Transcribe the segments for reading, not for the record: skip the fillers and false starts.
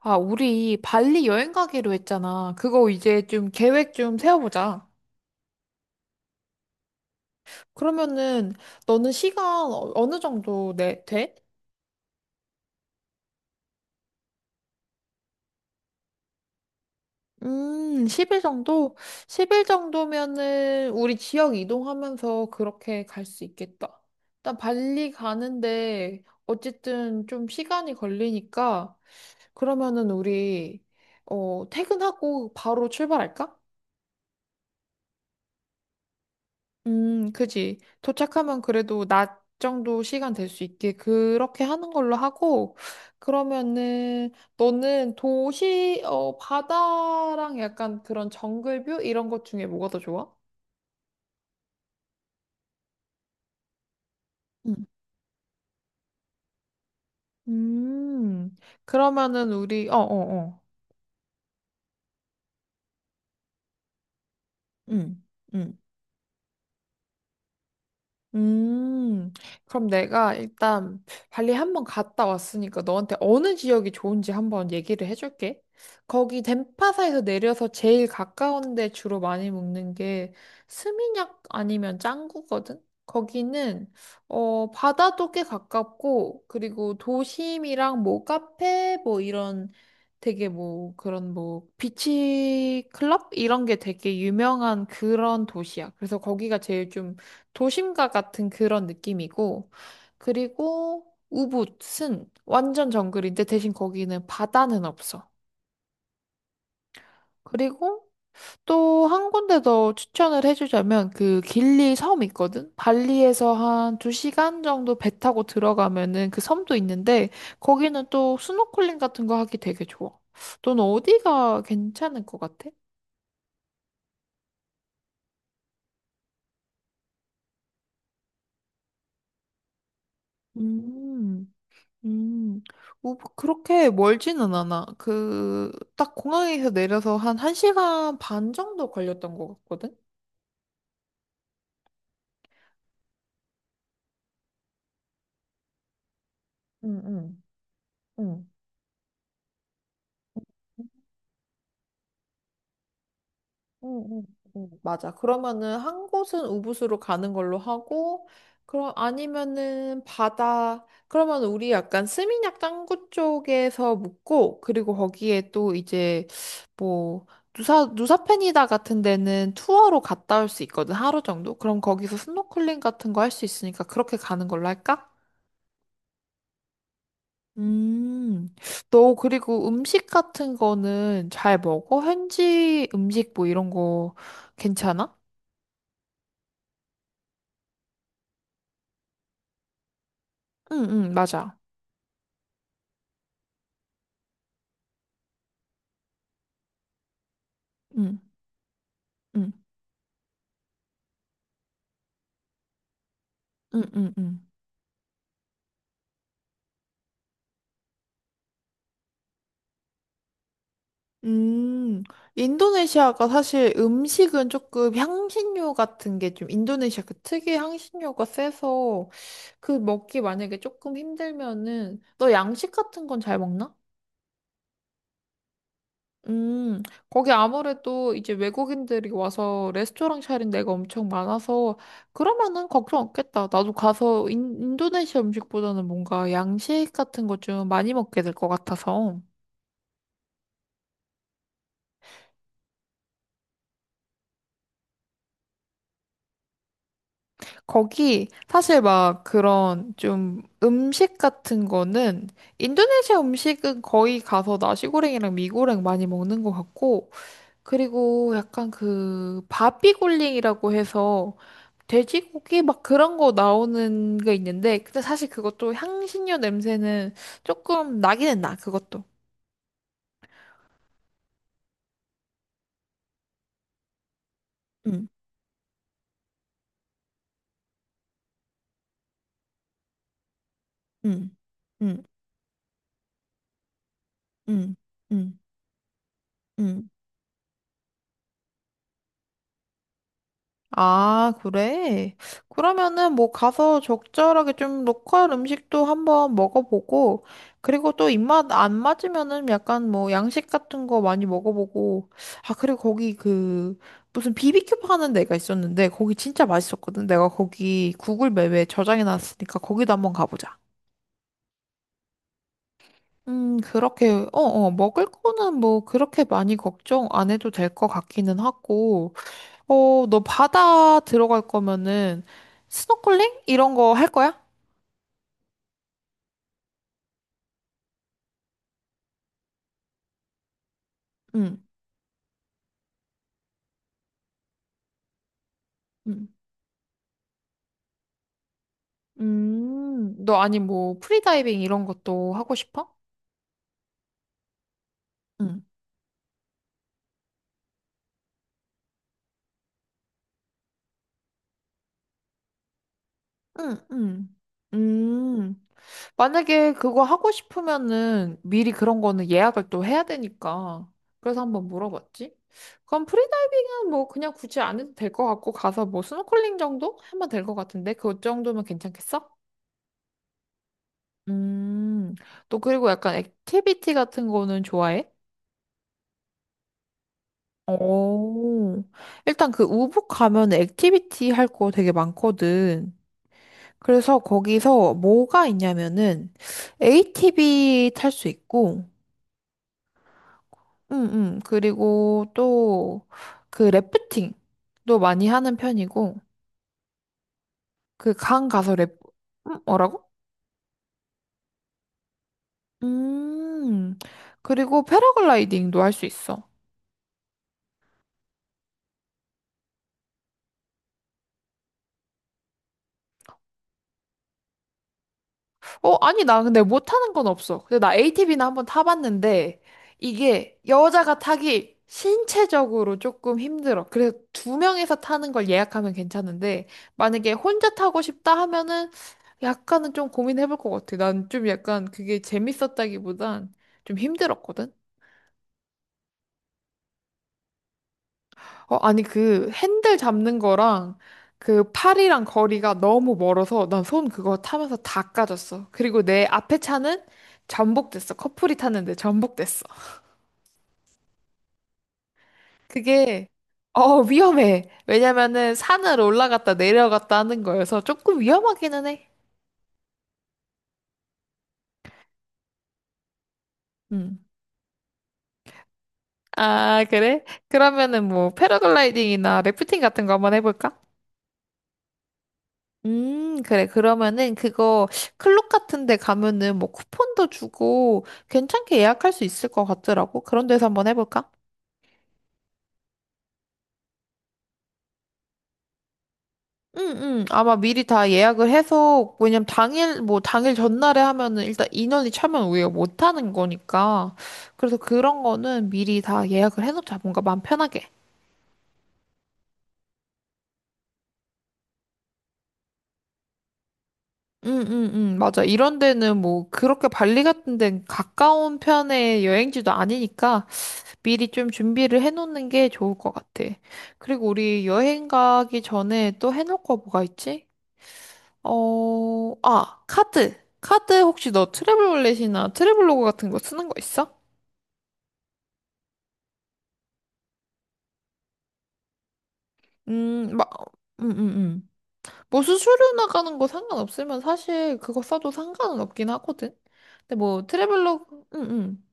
아, 우리 발리 여행 가기로 했잖아. 그거 이제 좀 계획 좀 세워보자. 그러면은 너는 시간 어느 정도 돼? 10일 정도? 10일 정도면은 우리 지역 이동하면서 그렇게 갈 수 있겠다. 일단 발리 가는데 어쨌든 좀 시간이 걸리니까 그러면은 우리 퇴근하고 바로 출발할까? 그지. 도착하면 그래도 낮 정도 시간 될 수 있게 그렇게 하는 걸로 하고, 그러면은 너는 도시, 바다랑 약간 그런 정글뷰 이런 것 중에 뭐가 더 좋아? 응, 음, 음, 그러면은 우리, 어. 응, 응. 음, 그럼 내가 일단 발리 한번 갔다 왔으니까 너한테 어느 지역이 좋은지 한번 얘기를 해줄게. 거기 덴파사에서 내려서 제일 가까운 데 주로 많이 먹는 게 스미냑 아니면 짱구거든? 거기는, 바다도 꽤 가깝고, 그리고 도심이랑 뭐 카페, 뭐 이런 되게 뭐 그런 뭐 비치 클럽? 이런 게 되게 유명한 그런 도시야. 그래서 거기가 제일 좀 도심가 같은 그런 느낌이고, 그리고 우붓은 완전 정글인데 대신 거기는 바다는 없어. 그리고 또 한 군데 더 추천을 해주자면 그 길리 섬 있거든? 발리에서 한 두시간 정도 배 타고 들어가면은 그 섬도 있는데 거기는 또 스노클링 같은 거 하기 되게 좋아. 넌 어디가 괜찮을 것 같아? 음. 음, 뭐, 그렇게 멀지는 않아. 그, 딱 공항에서 내려서 한 1시간 반 정도 걸렸던 것 같거든? 응, 응, 응. 응, 응, 응. 맞아. 그러면은 한 곳은 우붓으로 가는 걸로 하고, 그럼 아니면은 바다, 그러면 우리 약간 스미냑 짱구 쪽에서 묵고, 그리고 거기에 또 이제 뭐, 누사, 누사펜이다 같은 데는 투어로 갔다 올 수 있거든, 하루 정도. 그럼 거기서 스노클링 같은 거 할 수 있으니까 그렇게 가는 걸로 할까? 음, 너 그리고 음식 같은 거는 잘 먹어? 현지 음식 뭐 이런 거 괜찮아? 응 응 맞아. 응. 응. 응, 응, 응. 음, 인도네시아가 사실 음식은 조금 향신료 같은 게 좀 인도네시아 그 특유의 향신료가 세서 그 먹기 만약에 조금 힘들면은 너 양식 같은 건 잘 먹나? 음, 거기 아무래도 이제 외국인들이 와서 레스토랑 차린 데가 엄청 많아서 그러면은 걱정 없겠다. 나도 가서 인도네시아 음식보다는 뭔가 양식 같은 거 좀 많이 먹게 될 것 같아서. 거기 사실 막 그런 좀 음식 같은 거는 인도네시아 음식은 거의 가서 나시고랭이랑 미고랭 많이 먹는 것 같고 그리고 약간 그 바비굴링이라고 해서 돼지고기 막 그런 거 나오는 게 있는데 근데 사실 그것도 향신료 냄새는 조금 나기는 나 그것도. 응, 응, 응, 응, 응, 응. 아, 그래? 그러면은 뭐 가서 적절하게 좀 로컬 음식도 한번 먹어보고, 그리고 또 입맛 안 맞으면은 약간 뭐 양식 같은 거 많이 먹어보고, 아, 그리고 거기 그 무슨 비비큐 파는 데가 있었는데, 거기 진짜 맛있었거든. 내가 거기 구글 맵에 저장해놨으니까 거기도 한번 가보자. 그렇게, 먹을 거는 뭐 그렇게 많이 걱정 안 해도 될 것 같기는 하고, 너 바다 들어갈 거면은 스노클링 이런 거 할 거야? 응. 응. 너 아니 뭐 프리다이빙 이런 것도 하고 싶어? 응. 응, 응. 음, 만약에 그거 하고 싶으면은 미리 그런 거는 예약을 또 해야 되니까. 그래서 한번 물어봤지. 그럼 프리다이빙은 뭐 그냥 굳이 안 해도 될 것 같고 가서 뭐 스노클링 정도 하면 될 것 같은데 그 정도면 괜찮겠어? 음, 또 그리고 약간 액티비티 같은 거는 좋아해? 오, 일단 그 우붓 가면 액티비티 할 거 되게 많거든. 그래서 거기서 뭐가 있냐면은 ATV 탈 수 있고, 음, 그리고 또 그 래프팅도 많이 하는 편이고, 그 강 가서 래, 프 뭐라고? 음, 그리고 패러글라이딩도 할 수 있어. 아니, 나 근데 못하는 건 없어. 근데 나 ATV는 한번 타봤는데, 이게 여자가 타기 신체적으로 조금 힘들어. 그래서 두 명이서 타는 걸 예약하면 괜찮은데, 만약에 혼자 타고 싶다 하면은 약간은 좀 고민해볼 것 같아. 난 좀 약간 그게 재밌었다기보단 좀 힘들었거든? 아니, 그 핸들 잡는 거랑 그 팔이랑 거리가 너무 멀어서 난 손 그거 타면서 다 까졌어. 그리고 내 앞에 차는 전복됐어. 커플이 탔는데 전복됐어. 그게, 위험해. 왜냐면은 산을 올라갔다 내려갔다 하는 거여서 조금 위험하기는 해. 음. 아, 그래? 그러면은 뭐 패러글라이딩이나 래프팅 같은 거 한번 해볼까? 그래. 그러면은 그거 클럽 같은 데 가면은 뭐 쿠폰도 주고 괜찮게 예약할 수 있을 것 같더라고. 그런 데서 한번 해볼까? 응, 응. 아마 미리 다 예약을 해서, 왜냐면 당일, 뭐 당일 전날에 하면은 일단 인원이 차면 우리가 못 하는 거니까. 그래서 그런 거는 미리 다 예약을 해놓자. 뭔가 마음 편하게. 응, 응, 응. 맞아. 이런 데는 뭐 그렇게 발리 같은 데는 가까운 편의 여행지도 아니니까 미리 좀 준비를 해놓는 게 좋을 것 같아. 그리고 우리 여행 가기 전에 또 해놓을 거 뭐가 있지? 카드. 카드 혹시 너 트래블 월렛이나 트래블로그 같은 거 쓰는 거 있어? 막, 음, 음, 음. 뭐 수수료 나가는 거 상관없으면 사실 그거 써도 상관은 없긴 하거든. 근데 뭐 트래블로그,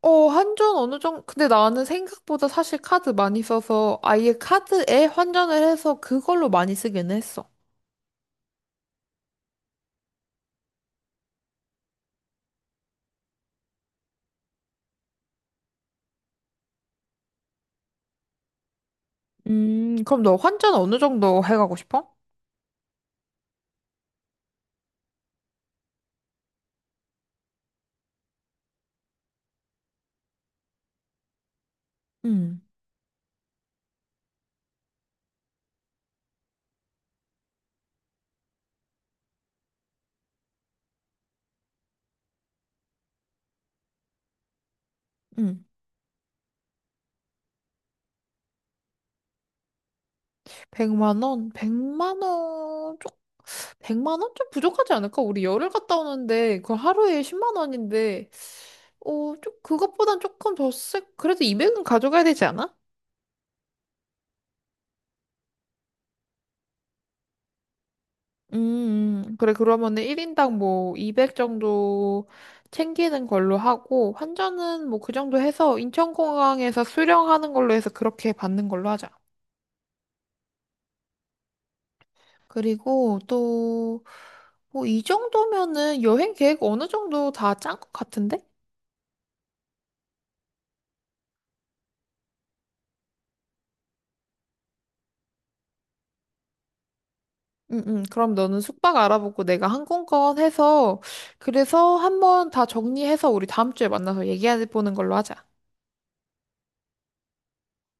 환전 어느 정도, 근데 나는 생각보다 사실 카드 많이 써서 아예 카드에 환전을 해서 그걸로 많이 쓰긴 했어. 그럼 너 환전 어느 정도 해가고 싶어? 응, 응. 100만 원? 100만 원? 좀, 100만 원? 좀 부족하지 않을까? 우리 열흘 갔다 오는데, 그 하루에 10만 원인데, 좀, 그것보단 조금 더 쎄, 그래도 200은 가져가야 되지 않아? 그래, 그러면은 1인당 뭐, 200 정도 챙기는 걸로 하고, 환전은 뭐, 그 정도 해서, 인천공항에서 수령하는 걸로 해서 그렇게 받는 걸로 하자. 그리고 또, 뭐, 이 정도면은 여행 계획 어느 정도 다 짠 것 같은데? 응, 응. 그럼 너는 숙박 알아보고 내가 항공권 해서, 그래서 한번 다 정리해서 우리 다음 주에 만나서 얘기해 보는 걸로 하자.